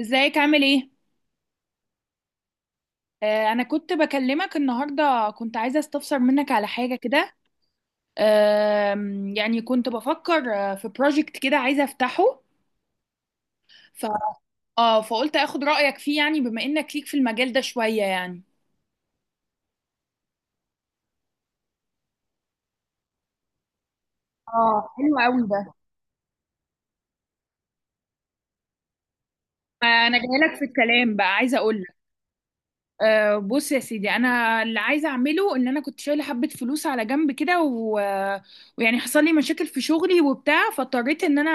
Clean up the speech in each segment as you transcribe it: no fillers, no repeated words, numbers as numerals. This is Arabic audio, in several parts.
ازيك عامل ايه؟ انا كنت بكلمك النهارده، كنت عايزه استفسر منك على حاجه كده. يعني كنت بفكر في بروجكت كده عايزه افتحه. ف... فقلت اخد رايك فيه، يعني بما انك ليك في المجال ده شويه يعني. اه، حلو قوي ده. انا جاي لك في الكلام بقى، عايزه اقول لك. بص يا سيدي، انا اللي عايزه اعمله ان انا كنت شايله حبه فلوس على جنب كده، ويعني حصل لي مشاكل في شغلي وبتاع، فاضطريت ان انا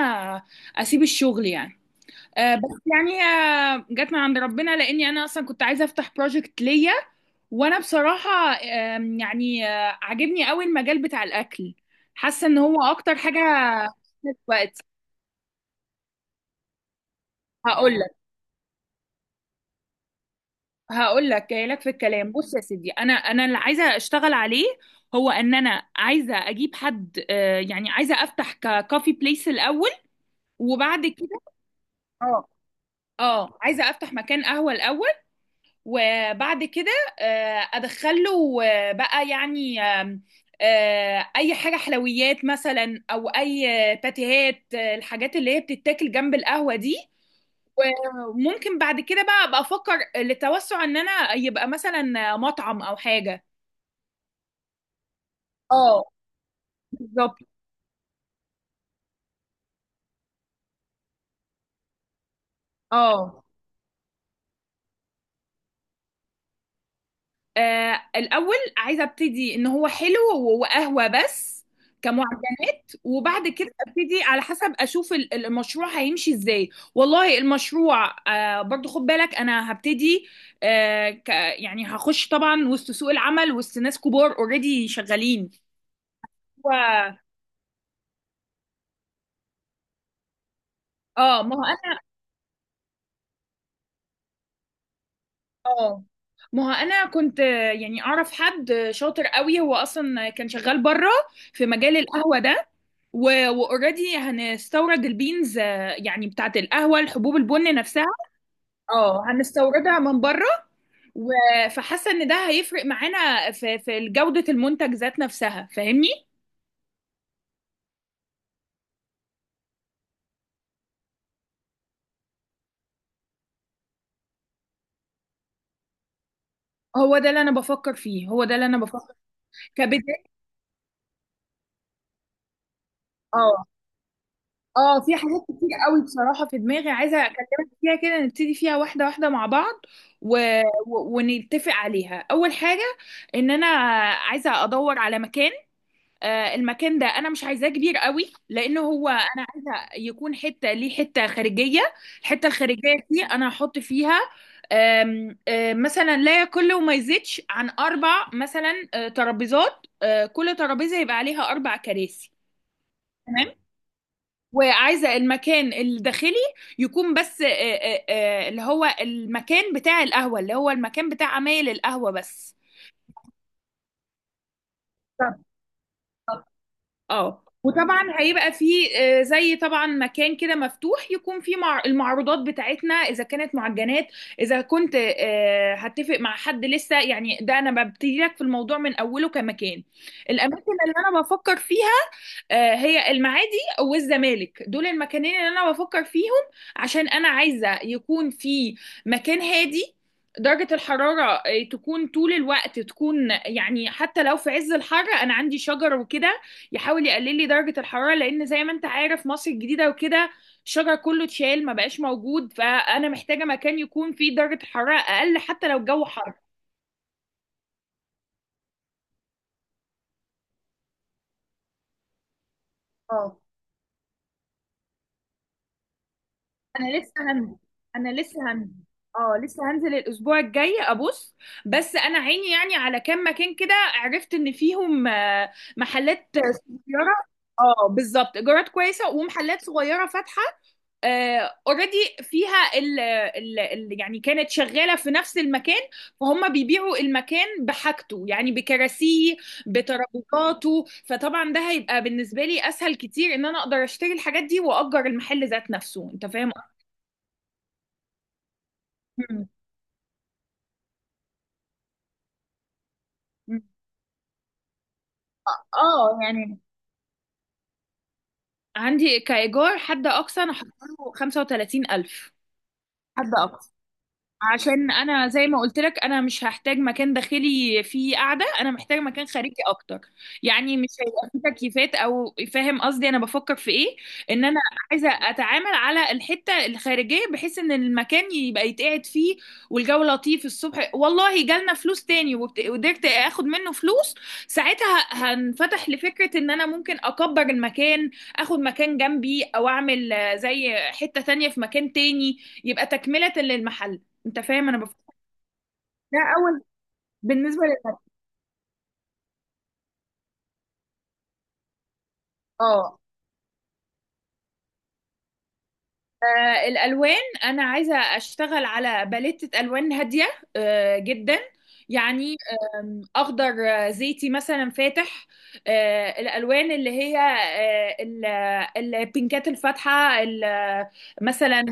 اسيب الشغل يعني. بس يعني جت من عند ربنا، لاني انا اصلا كنت عايزه افتح بروجكت ليا. وانا بصراحه، يعني عاجبني قوي المجال بتاع الاكل، حاسه ان هو اكتر حاجه في وقت. هقول لك هقول لك، جاي لك في الكلام. بص يا سيدي، انا اللي عايزه اشتغل عليه هو ان انا عايزه اجيب حد، يعني عايزه افتح كافي بليس الاول، وبعد كده. اه اه، عايزه افتح مكان قهوه الاول، وبعد كده ادخله بقى يعني آم، آه، اي حاجه حلويات مثلا، او اي باتيهات، الحاجات اللي هي بتتاكل جنب القهوه دي. وممكن بعد كده بقى ابقى افكر للتوسع ان انا يبقى مثلا مطعم او حاجه. اه، بالظبط. اه، الاول عايزه ابتدي ان هو حلو وقهوه بس، كمعتمد، وبعد كده ابتدي على حسب اشوف المشروع هيمشي ازاي. والله المشروع برضو، خد بالك انا هبتدي، آه ك يعني هخش طبعا وسط سوق العمل، وسط ناس كبار اوريدي شغالين. و... اه. اه ما هو انا كنت يعني اعرف حد شاطر قوي، هو اصلا كان شغال بره في مجال القهوة ده. واوريدي هنستورد البينز، يعني بتاعت القهوة، الحبوب، البن نفسها. اه، هنستوردها من بره، فحاسه ان ده هيفرق معانا في جوده المنتج ذات نفسها، فاهمني؟ هو ده اللي انا بفكر فيه، هو ده اللي انا بفكر، كبدايه. اه. اه، في حاجات كتير قوي بصراحه في دماغي عايزه اكلمك فيها كده، نبتدي فيها واحده واحده مع بعض، و... ونتفق عليها. اول حاجه ان انا عايزه ادور على مكان. المكان ده انا مش عايزاه كبير قوي، لان هو انا عايزه يكون حته ليه، حته خارجيه. الحته الخارجيه دي انا هحط فيها آم، آه، مثلا لا يقل وما يزيدش عن اربع مثلا ترابيزات، كل ترابيزه يبقى عليها اربع كراسي. تمام. وعايزه المكان الداخلي يكون بس، اللي هو المكان بتاع القهوه، اللي هو المكان بتاع عمايل القهوه بس. طب. اه، وطبعا هيبقى فيه زي طبعا مكان كده مفتوح، يكون فيه مع المعروضات بتاعتنا اذا كانت معجنات، اذا كنت هتفق مع حد. لسه يعني، ده انا ببتدي لك في الموضوع من اوله كمكان. الاماكن اللي انا بفكر فيها هي المعادي والزمالك، دول المكانين اللي انا بفكر فيهم. عشان انا عايزه يكون في مكان هادي، درجة الحرارة تكون طول الوقت تكون، يعني حتى لو في عز الحر أنا عندي شجر وكده يحاول يقلل لي درجة الحرارة. لأن زي ما أنت عارف، مصر الجديدة وكده الشجر كله اتشال، ما بقاش موجود، فأنا محتاجة مكان يكون فيه درجة حرارة أقل حتى لو الجو حر. اه. انا لسه هنزل، انا لسه هنزل. اه، لسه هنزل الاسبوع الجاي ابص. بس انا عيني يعني على كام مكان كده، عرفت ان فيهم محلات صغيره. اه بالظبط، ايجارات كويسه ومحلات صغيره فاتحه اوريدي فيها. ال ال ال يعني كانت شغاله في نفس المكان، فهم بيبيعوا المكان بحاجته يعني، بكراسيه بترابيزاته. فطبعا ده هيبقى بالنسبه لي اسهل كتير، ان انا اقدر اشتري الحاجات دي واجر المحل ذات نفسه. انت فاهم؟ مم. مم. اه، يعني عندي كإيجار حد أقصى أنا حاطه له 35,000. حد أقصى، عشان انا زي ما قلت لك انا مش هحتاج مكان داخلي فيه قاعده، انا محتاج مكان خارجي اكتر، يعني مش هيبقى فيه تكييفات، او فاهم قصدي انا بفكر في ايه؟ ان انا عايزه اتعامل على الحته الخارجيه بحيث ان المكان يبقى يتقعد فيه والجو لطيف الصبح. والله جالنا فلوس تاني وقدرت اخد منه فلوس، ساعتها هنفتح لفكره ان انا ممكن اكبر المكان، اخد مكان جنبي، او اعمل زي حته تانية في مكان تاني، يبقى تكمله للمحل. انت فاهم انا بفكر؟ ده اول، بالنسبه للمرأة. اه. الالوان، انا عايزه اشتغل على باليتة الوان هاديه جدا يعني. اخضر زيتي مثلا فاتح، الالوان اللي هي البينكات الفاتحه، مثلا.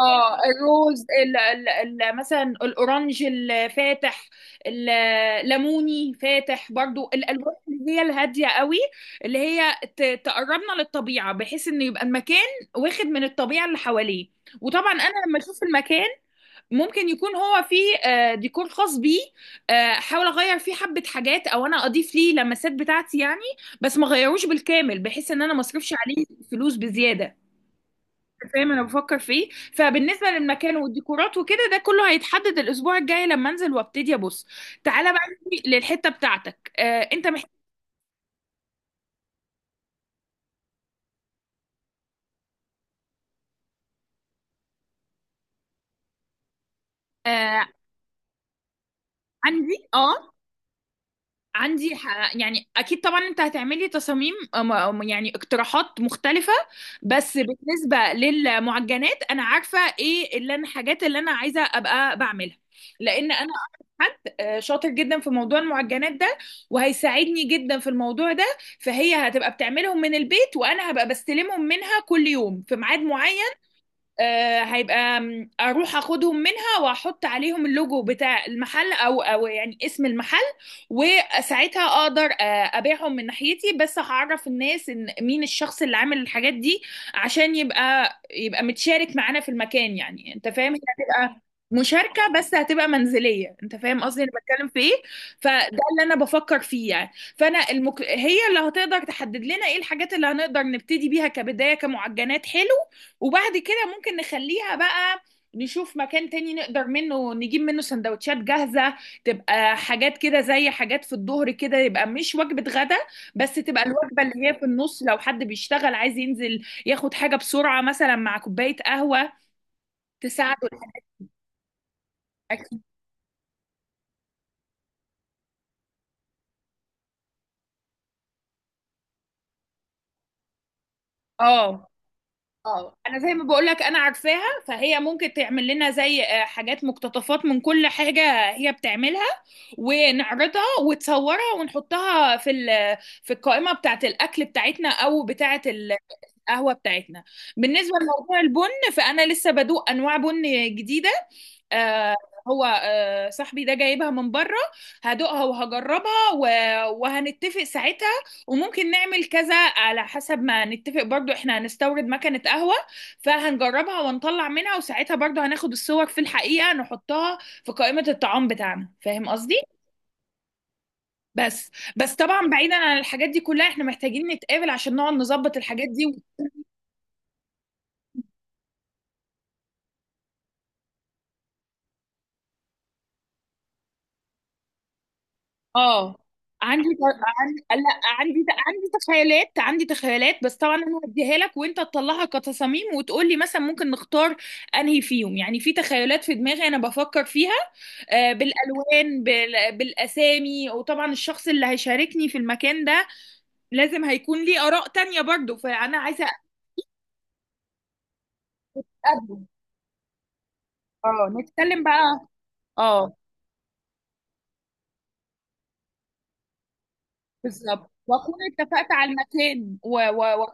اه، الروز، ال ال ال مثلا الاورنج الفاتح، الليموني فاتح برضو، الالوان اللي هي الهاديه قوي، اللي هي تقربنا للطبيعه، بحيث ان يبقى المكان واخد من الطبيعه اللي حواليه. وطبعا انا لما اشوف المكان ممكن يكون هو فيه ديكور خاص بيه، آه، احاول اغير فيه حبه حاجات، او انا اضيف ليه لمسات بتاعتي يعني، بس ما غيروش بالكامل بحيث ان انا ما اصرفش عليه فلوس بزياده. فاهم انا بفكر فيه؟ فبالنسبه للمكان والديكورات وكده، ده كله هيتحدد الاسبوع الجاي لما انزل وابتدي ابص. تعالى بقى نيجي للحته بتاعتك. آه، انت آه، عندي. اه، عندي يعني اكيد طبعا انت هتعملي تصاميم يعني اقتراحات مختلفة. بس بالنسبة للمعجنات انا عارفة ايه اللي انا، الحاجات اللي انا عايزة ابقى بعملها. لان انا أعرف حد شاطر جدا في موضوع المعجنات ده، وهيساعدني جدا في الموضوع ده. فهي هتبقى بتعملهم من البيت، وانا هبقى بستلمهم منها كل يوم في ميعاد معين، هيبقى اروح اخدهم منها واحط عليهم اللوجو بتاع المحل، او يعني اسم المحل. وساعتها اقدر ابيعهم من ناحيتي، بس هعرف الناس ان مين الشخص اللي عامل الحاجات دي، عشان يبقى متشارك معانا في المكان. يعني انت فاهم، هي هتبقى مشاركة بس هتبقى منزلية. انت فاهم قصدي انا بتكلم في ايه؟ فده اللي انا بفكر فيه يعني. فانا هي اللي هتقدر تحدد لنا ايه الحاجات اللي هنقدر نبتدي بيها كبداية كمعجنات حلو. وبعد كده ممكن نخليها بقى، نشوف مكان تاني نقدر نجيب منه سندوتشات جاهزة، تبقى حاجات كده زي حاجات في الظهر كده، يبقى مش وجبة غدا، بس تبقى الوجبة اللي هي في النص، لو حد بيشتغل عايز ينزل ياخد حاجة بسرعة مثلا مع كوباية قهوة تساعده. الأكل، اه. اه انا زي ما بقول لك انا عارفاها، فهي ممكن تعمل لنا زي حاجات مقتطفات من كل حاجة هي بتعملها، ونعرضها وتصورها ونحطها في في القائمة بتاعة الأكل بتاعتنا أو بتاعة القهوة بتاعتنا. بالنسبة لموضوع البن، فأنا لسه بدوق أنواع بن جديدة. آه، هو، آه صاحبي ده جايبها من بره، هدوقها وهجربها وهنتفق ساعتها. وممكن نعمل كذا على حسب ما نتفق، برضو احنا هنستورد مكنة قهوة، فهنجربها ونطلع منها، وساعتها برضو هناخد الصور في الحقيقة، نحطها في قائمة الطعام بتاعنا، فاهم قصدي؟ بس بس طبعا بعيدا عن الحاجات دي كلها، احنا محتاجين نتقابل عشان نقعد نظبط الحاجات دي اه. عندي، عندي لا عندي. عندي تخيلات، عندي تخيلات، بس طبعا انا هديها لك وانت تطلعها كتصاميم وتقول لي مثلا ممكن نختار انهي فيهم. يعني في تخيلات في دماغي انا بفكر فيها، آه، بالالوان بالاسامي. وطبعا الشخص اللي هيشاركني في المكان ده لازم هيكون ليه اراء تانية برضو، فانا عايزه اقابله. اه، نتكلم بقى. اه، بالظبط، واكون اتفقت على المكان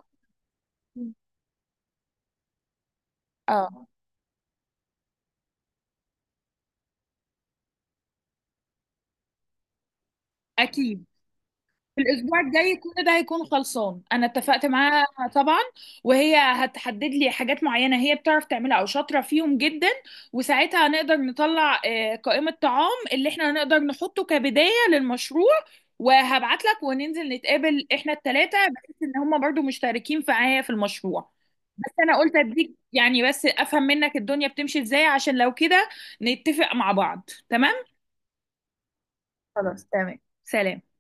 اه، اكيد. الاسبوع الجاي كل ده هيكون خلصان، انا اتفقت معاها طبعا، وهي هتحدد لي حاجات معينه هي بتعرف تعملها او شاطره فيهم جدا، وساعتها هنقدر نطلع قائمه طعام اللي احنا هنقدر نحطه كبدايه للمشروع، وهبعت لك وننزل نتقابل احنا الثلاثه، بحيث ان هم برضو مشتركين معايا في المشروع. بس انا قلت اديك يعني بس افهم منك الدنيا بتمشي ازاي، عشان لو كده نتفق مع بعض. تمام، خلاص، تمام، سلام.